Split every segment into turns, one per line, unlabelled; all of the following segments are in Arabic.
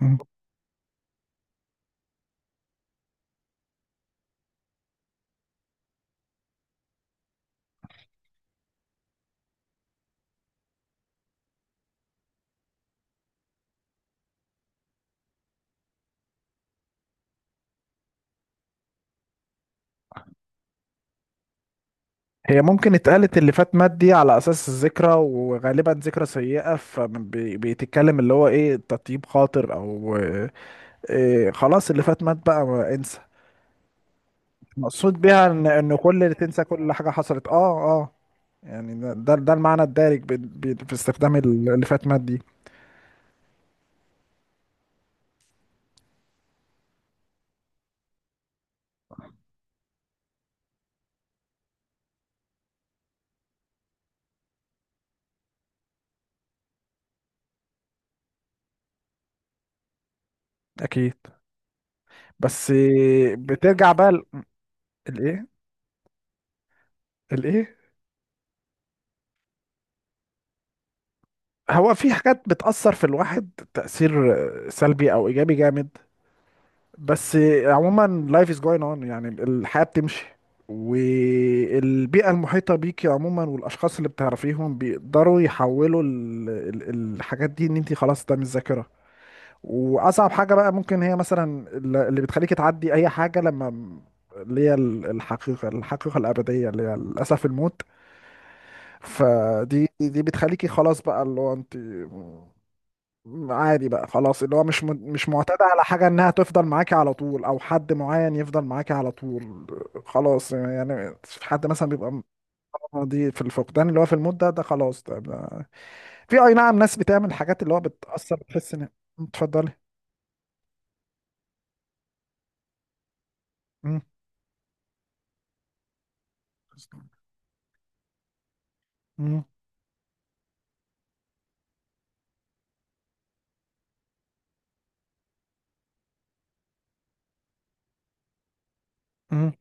مم. هي ممكن اتقالت اللي فات مات دي على اساس الذكرى، وغالبا ذكرى سيئة. فبيتكلم اللي هو ايه، تطيب خاطر، او إيه خلاص اللي فات مات بقى، ما انسى. مقصود بيها ان كل اللي تنسى كل حاجة حصلت. اه يعني ده المعنى الدارج في استخدام اللي فات مات دي. اكيد. بس إيه، بترجع بقى الايه؟ الايه؟ هو في حاجات بتأثر في الواحد تأثير سلبي او ايجابي جامد، بس عموما life is going on، يعني الحياة بتمشي، والبيئة المحيطة بيكي عموما والأشخاص اللي بتعرفيهم بيقدروا يحولوا الحاجات دي، إن انتي خلاص ده مش ذاكرة. وأصعب حاجة بقى ممكن هي مثلا اللي بتخليكي تعدي أي حاجة، اللي هي الحقيقة الأبدية، اللي هي للأسف الموت. فدي بتخليكي خلاص بقى، اللي هو انت عادي بقى خلاص، اللي هو مش معتادة على حاجة انها تفضل معاكي على طول، او حد معين يفضل معاكي على طول. خلاص يعني في حد مثلا بيبقى دي في الفقدان، اللي هو في المدة ده خلاص ده في اي، نعم، ناس بتعمل حاجات اللي هو بتأثر، بتحس ان... اتفضلي. مم. مم. مم.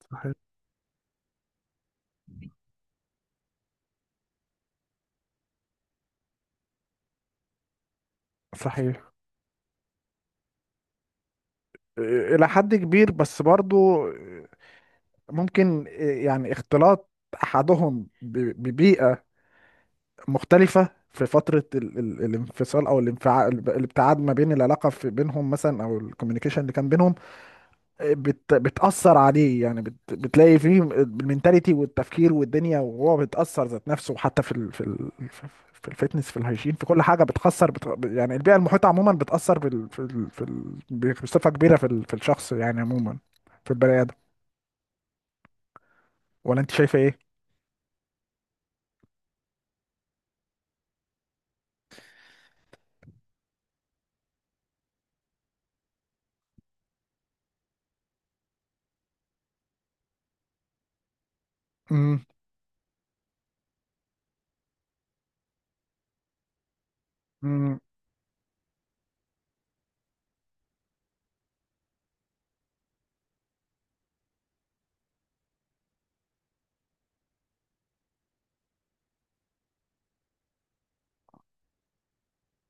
صحيح. صحيح. الى حد كبير، بس برضو ممكن يعني اختلاط احدهم ببيئة مختلفة في فترة ال ال الانفصال او الانفعال، الابتعاد ما بين العلاقة في بينهم مثلا، او الكوميونيكيشن اللي كان بينهم بتأثر عليه. يعني بتلاقي فيه المينتاليتي والتفكير والدنيا، وهو بيتأثر ذات نفسه حتى في الفتنس، في الهيجين، في كل حاجة بتخسر، يعني البيئة المحيطة عموما بتأثر بال في ال في ال بصفة كبيرة في الشخص يعني عموما، في البني آدم. ولا انت شايفة ايه؟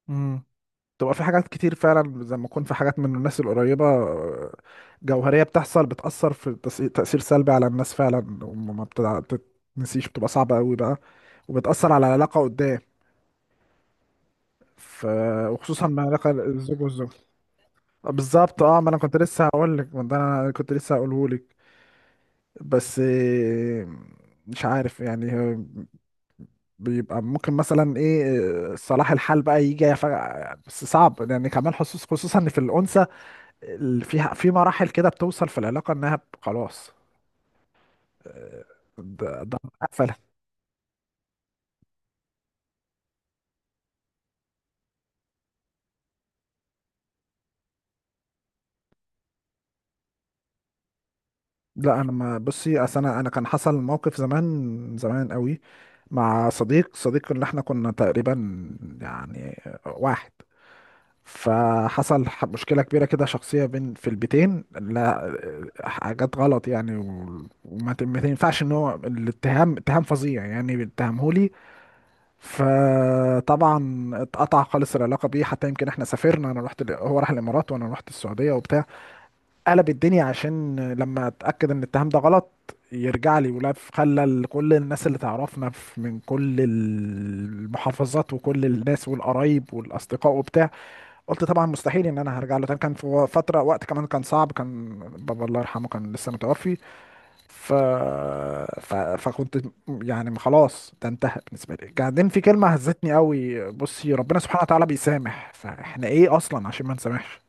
امم. تبقى في حاجات كتير فعلا، زي ما يكون في حاجات من الناس القريبة، جوهرية بتحصل بتأثر تأثير سلبي على الناس فعلا، وما بتتنسيش، بتبقى صعبة قوي بقى، وبتأثر على العلاقة قدام. ف... وخصوصا مع علاقة الزوج والزوجة. بالظبط، اه. ما انا كنت لسه هقول لك، ما ده انا كنت لسه هقوله لك. بس مش عارف يعني، بيبقى ممكن مثلا ايه، صلاح الحال بقى يجي فجأة، بس صعب يعني كمان خصوصا في الأنثى. في في مراحل كده بتوصل في العلاقة انها خلاص. آه، ده ده قفلت. لا انا ما بصي. اصل انا كان حصل موقف زمان زمان قوي، مع صديق صديق اللي احنا كنا تقريبا يعني واحد. فحصل مشكلة كبيرة كده شخصية بين في البيتين، لا حاجات غلط يعني، وما ما ينفعش ان هو الاتهام، اتهام فظيع يعني، اتهمهولي. فطبعا اتقطع خالص العلاقه بيه. حتى يمكن احنا سافرنا، انا رحت هو راح الامارات وانا رحت السعوديه وبتاع، قلب الدنيا عشان لما اتاكد ان الاتهام ده غلط يرجع لي. ولف خلى كل الناس اللي تعرفنا من كل المحافظات وكل الناس والقرايب والاصدقاء وبتاع. قلت طبعا مستحيل ان انا هرجع له تاني. كان في فتره، وقت كمان كان صعب، كان بابا الله يرحمه كان لسه متوفي. ف... فكنت يعني خلاص، ده انتهى بالنسبه لي. بعدين في كلمه هزتني قوي، بصي ربنا سبحانه وتعالى بيسامح، فاحنا ايه اصلا عشان ما نسامحش.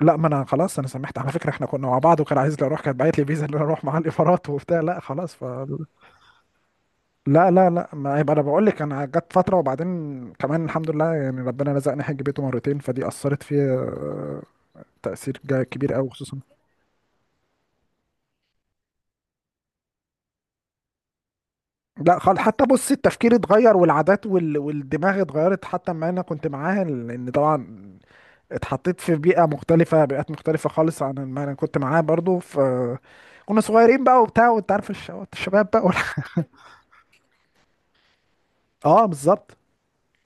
لا، ما انا خلاص، انا سامحت على فكره. احنا كنا مع بعض، وكان عايز لي اروح، كانت باعت لي فيزا ان انا اروح مع الامارات وبتاع. لا خلاص ف... لا لا لا، ما يبقى انا بقول لك، انا جت فتره. وبعدين كمان الحمد لله يعني، ربنا رزقني حج بيته مرتين، فدي اثرت فيا تاثير كبير قوي خصوصا. لا خالص. حتى بص التفكير اتغير والعادات والدماغ اتغيرت، حتى ما انا كنت معاها. لان طبعا اتحطيت في بيئة مختلفة، بيئات مختلفة خالص عن ما انا كنت معاها برضو. ف كنا صغيرين بقى وبتاع، وانت عارف الشباب بقى اه بالظبط.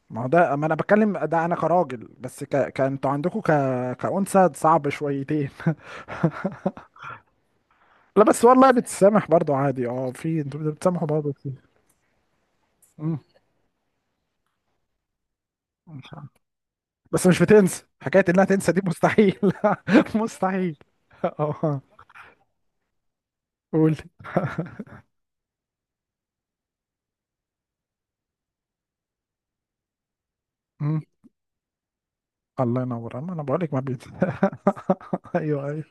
ما هو ده، ما انا بتكلم ده انا كراجل، بس كانتوا عندكم كأنثى، صعب شويتين. لا بس والله بتسامح برضو عادي، اه في انتوا بتسامحوا برضو كتير. مم. بس مش بتنسى، حكاية انها تنسى دي مستحيل. مستحيل. اه. قول. مم. الله ينور. أنا بقول لك ما بيت. ايوه ايوه.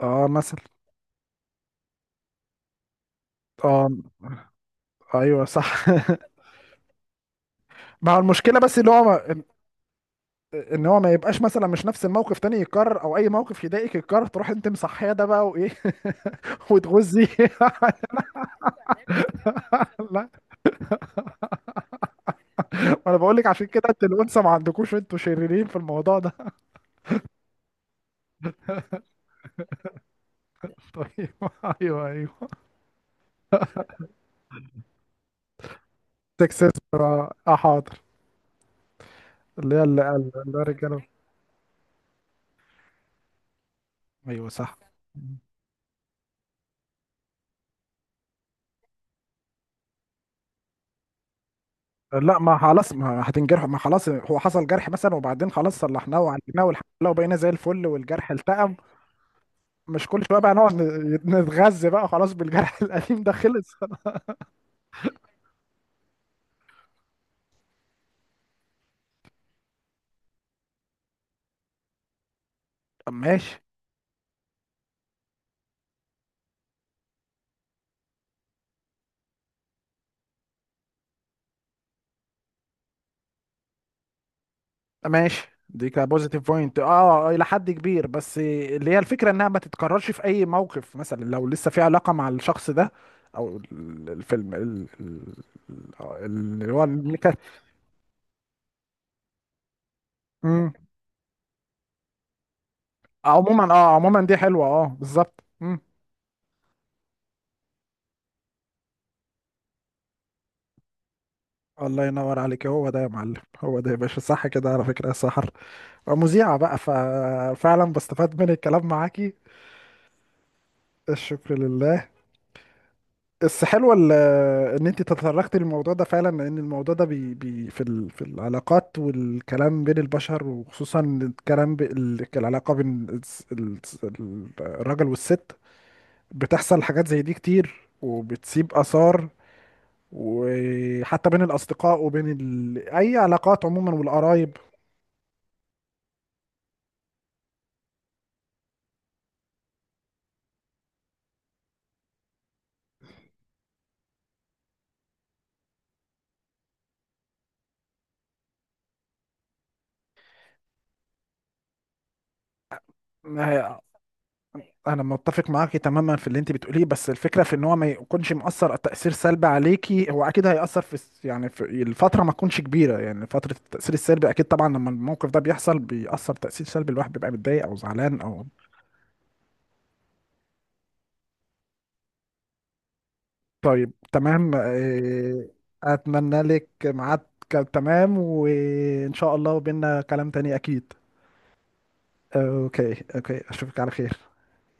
اه مثلا. اه. ايوه صح. ما هو المشكله، بس اللي هو ما... إن هو ما يبقاش مثلا، مش نفس الموقف تاني يتكرر، او اي موقف يضايقك يتكرر تروح انت مصحيه ده بقى وايه، وتغزي. لا، ما انا بقول لك عشان كده انت الانثى، ما عندكوش انتوا شريرين في الموضوع ده. طيب. ايوه ايوه. سكسس، اه، حاضر. اللي هي اللي قال الرجاله. ايوه صح. لا ما خلاص، ما هتنجرح. ما خلاص، هو حصل جرح مثلا، وبعدين خلاص صلحناه وعالجناه والحمد لله، وبقينا زي الفل والجرح التئم. مش كل شويه بقى نقعد نتغذى بقى خلاص بالجرح القديم ده. خلص. طب ماشي. ماشي، دي كبوزيتيف بوينت، اه، الى حد كبير. بس اللي هي الفكره انها ما تتكررش في اي موقف، مثلا لو لسه في علاقه مع الشخص ده، او الفيلم اللي هو مم. عموما اه، عموما دي حلوه، اه بالظبط. الله ينور عليك، هو ده يا معلم، هو ده يا باشا. صح كده على فكرة يا سحر، مذيعة بقى، ففعلا بستفاد من الكلام معاكي. الشكر لله. بس حلوة ان انت تطرقتي للموضوع ده فعلا، لان الموضوع ده بي بي في في العلاقات والكلام بين البشر، وخصوصا الكلام العلاقة بين الراجل والست. بتحصل حاجات زي دي كتير، وبتسيب آثار. وحتى بين الأصدقاء وبين أي علاقات عموما والقرايب. انا متفق معاكي تماما في اللي انت بتقوليه، بس الفكره في ان هو ما يكونش مؤثر تاثير سلبي عليكي. هو اكيد هياثر في يعني في الفتره، ما تكونش كبيره يعني فتره التاثير السلبي، اكيد طبعا لما الموقف ده بيحصل بيأثر تاثير سلبي، الواحد بيبقى متضايق او زعلان او... طيب تمام، اتمنى لك ميعاد. تمام، وان شاء الله بينا كلام تاني اكيد. اوكي اوكي، اشوفك على خير.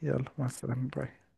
يلا مع السلامه، باي.